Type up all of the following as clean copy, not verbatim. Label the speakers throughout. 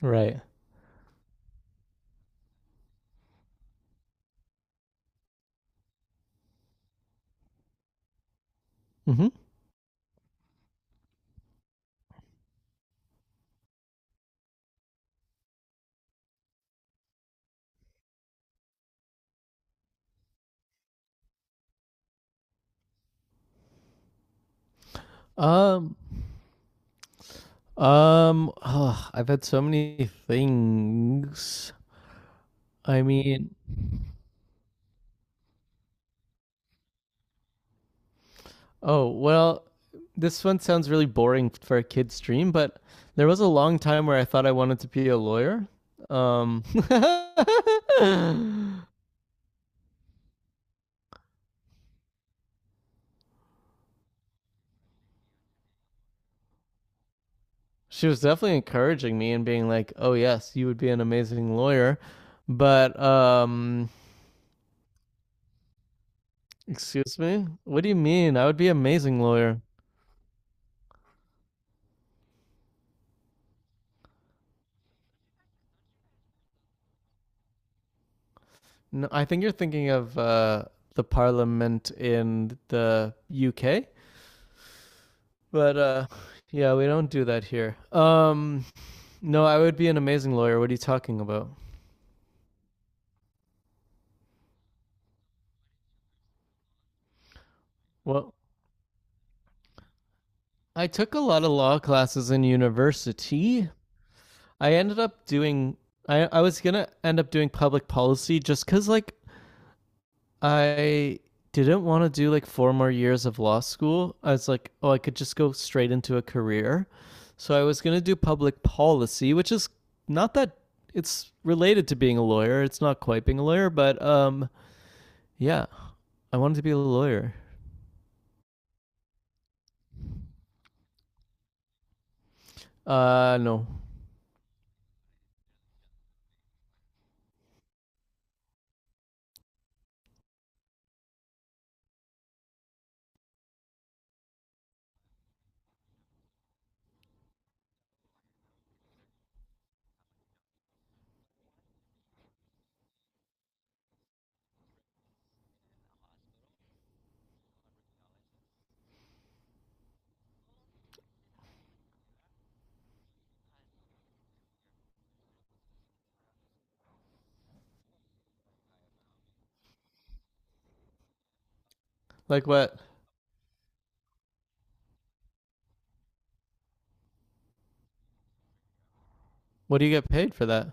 Speaker 1: Right. hmm Um. I've had so many things. I mean, oh well. This one sounds really boring for a kid's dream, but there was a long time where I thought I wanted to be a lawyer. Um. She was definitely encouraging me and being like, "Oh yes, you would be an amazing lawyer," but Excuse me? What do you mean? I would be an amazing lawyer. No, I think you're thinking of the parliament in the UK, but yeah, we don't do that here. No, I would be an amazing lawyer. What are you talking about? Well, I took a lot of law classes in university. I ended up doing. I was gonna end up doing public policy just because like I didn't want to do like four more years of law school. I was like, oh, I could just go straight into a career. So I was going to do public policy, which is not that it's related to being a lawyer. It's not quite being a lawyer, but yeah, I wanted to be a lawyer. No. Like what? What do you get paid for that?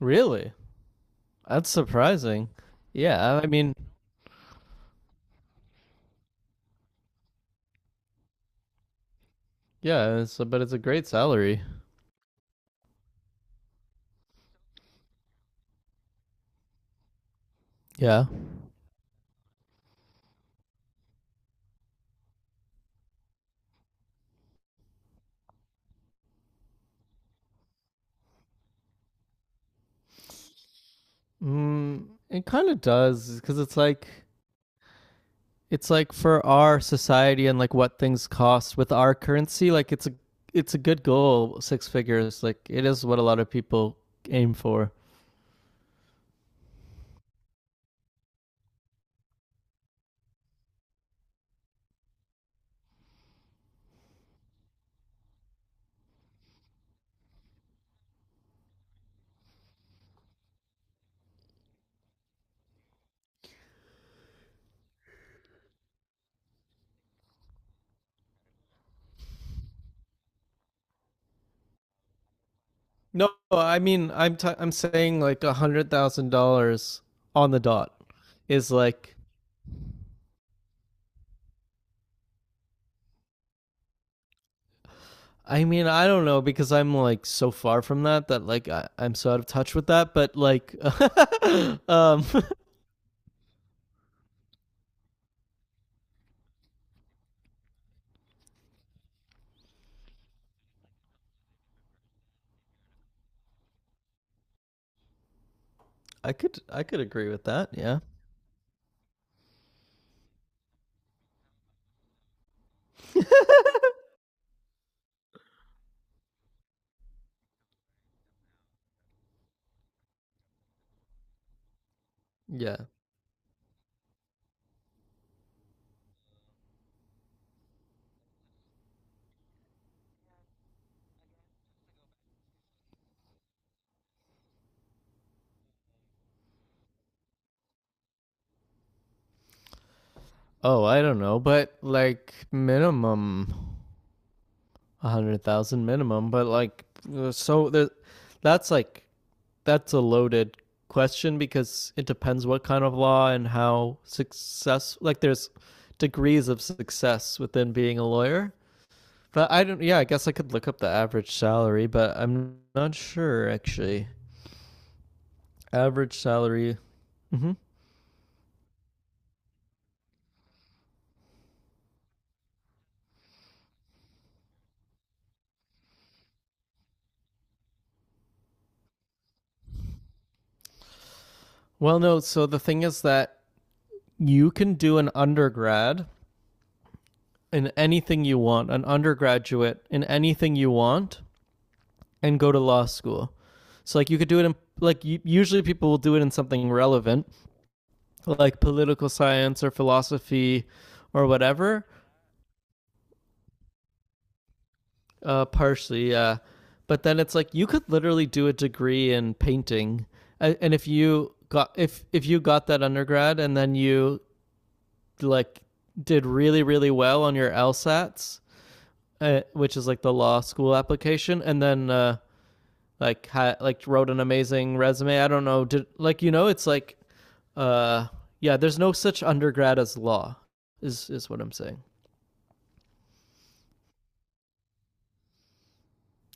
Speaker 1: Really? That's surprising. Yeah, I mean, but it's a great salary. Yeah. Mm, it kind of does because it's like it's like for our society and like what things cost with our currency, like it's a good goal, six figures. Like it is what a lot of people aim for. No, I mean I'm saying like $100,000 on the dot is like. I mean I don't know because I'm like so far from that that like I'm so out of touch with that. But like, um, I could agree with that. Yeah, yeah. Oh, I don't know, but like minimum a hundred thousand minimum, but like, uh, so there, that's like that's a loaded question because it depends what kind of law and how success. Like, there's degrees of success within being a lawyer. But I don't. Yeah, I guess I could look up the average salary, but I'm not sure actually. Average salary. hmm Well, no. So the thing is that you can do an undergrad in anything you want, an undergraduate in anything you want, and go to law school. So like you could do it in like usually people will do it in something relevant, like political science or philosophy or whatever. Partially, yeah. But then it's like you could literally do a degree in painting, and if you got that undergrad and then you like did really really well on your LSATs, which is like the law school application, and then like like wrote an amazing resume. I don't know. Did like you know it's like uh yeah, there's no such undergrad as law is what I'm saying.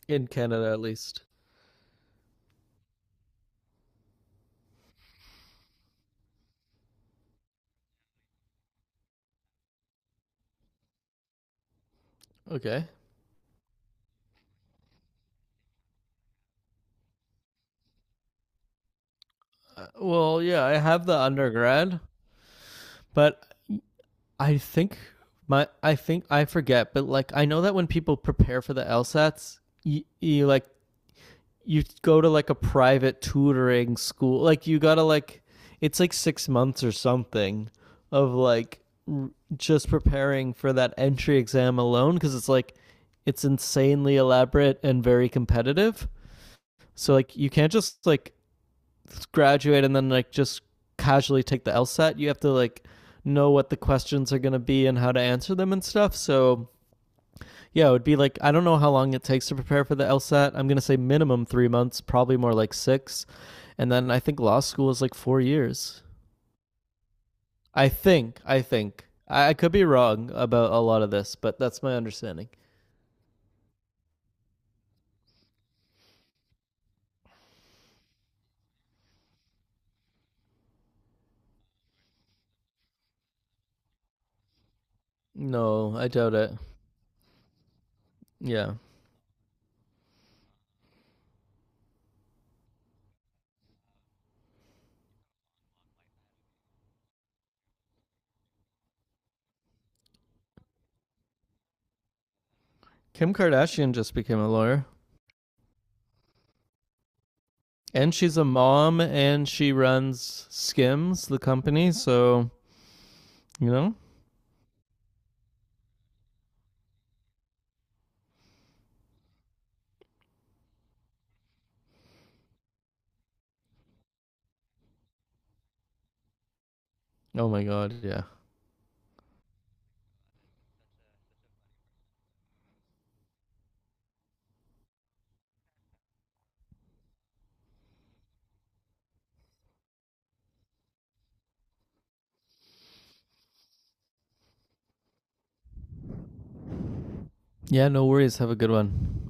Speaker 1: In Canada at least. Okay. Well, yeah, I have the undergrad, but I think my I think I forget, but like I know that when people prepare for the LSATs, you like you go to like a private tutoring school. Like you gotta like it's like 6 months or something of like r- just preparing for that entry exam alone because it's insanely elaborate and very competitive. So like you can't just like graduate and then like just casually take the LSAT. You have to like know what the questions are going to be and how to answer them and stuff. So yeah, it would be like I don't know how long it takes to prepare for the LSAT. I'm gonna say minimum 3 months, probably more like six, and then I think law school is like 4 years. I think. I think. I could be wrong about a lot of this, but that's my understanding. No, I doubt it. Yeah, Kim Kardashian just became a lawyer, and she's a mom, and she runs Skims, the company. So you know. Oh my God. Yeah. Yeah. No worries. Have a good one.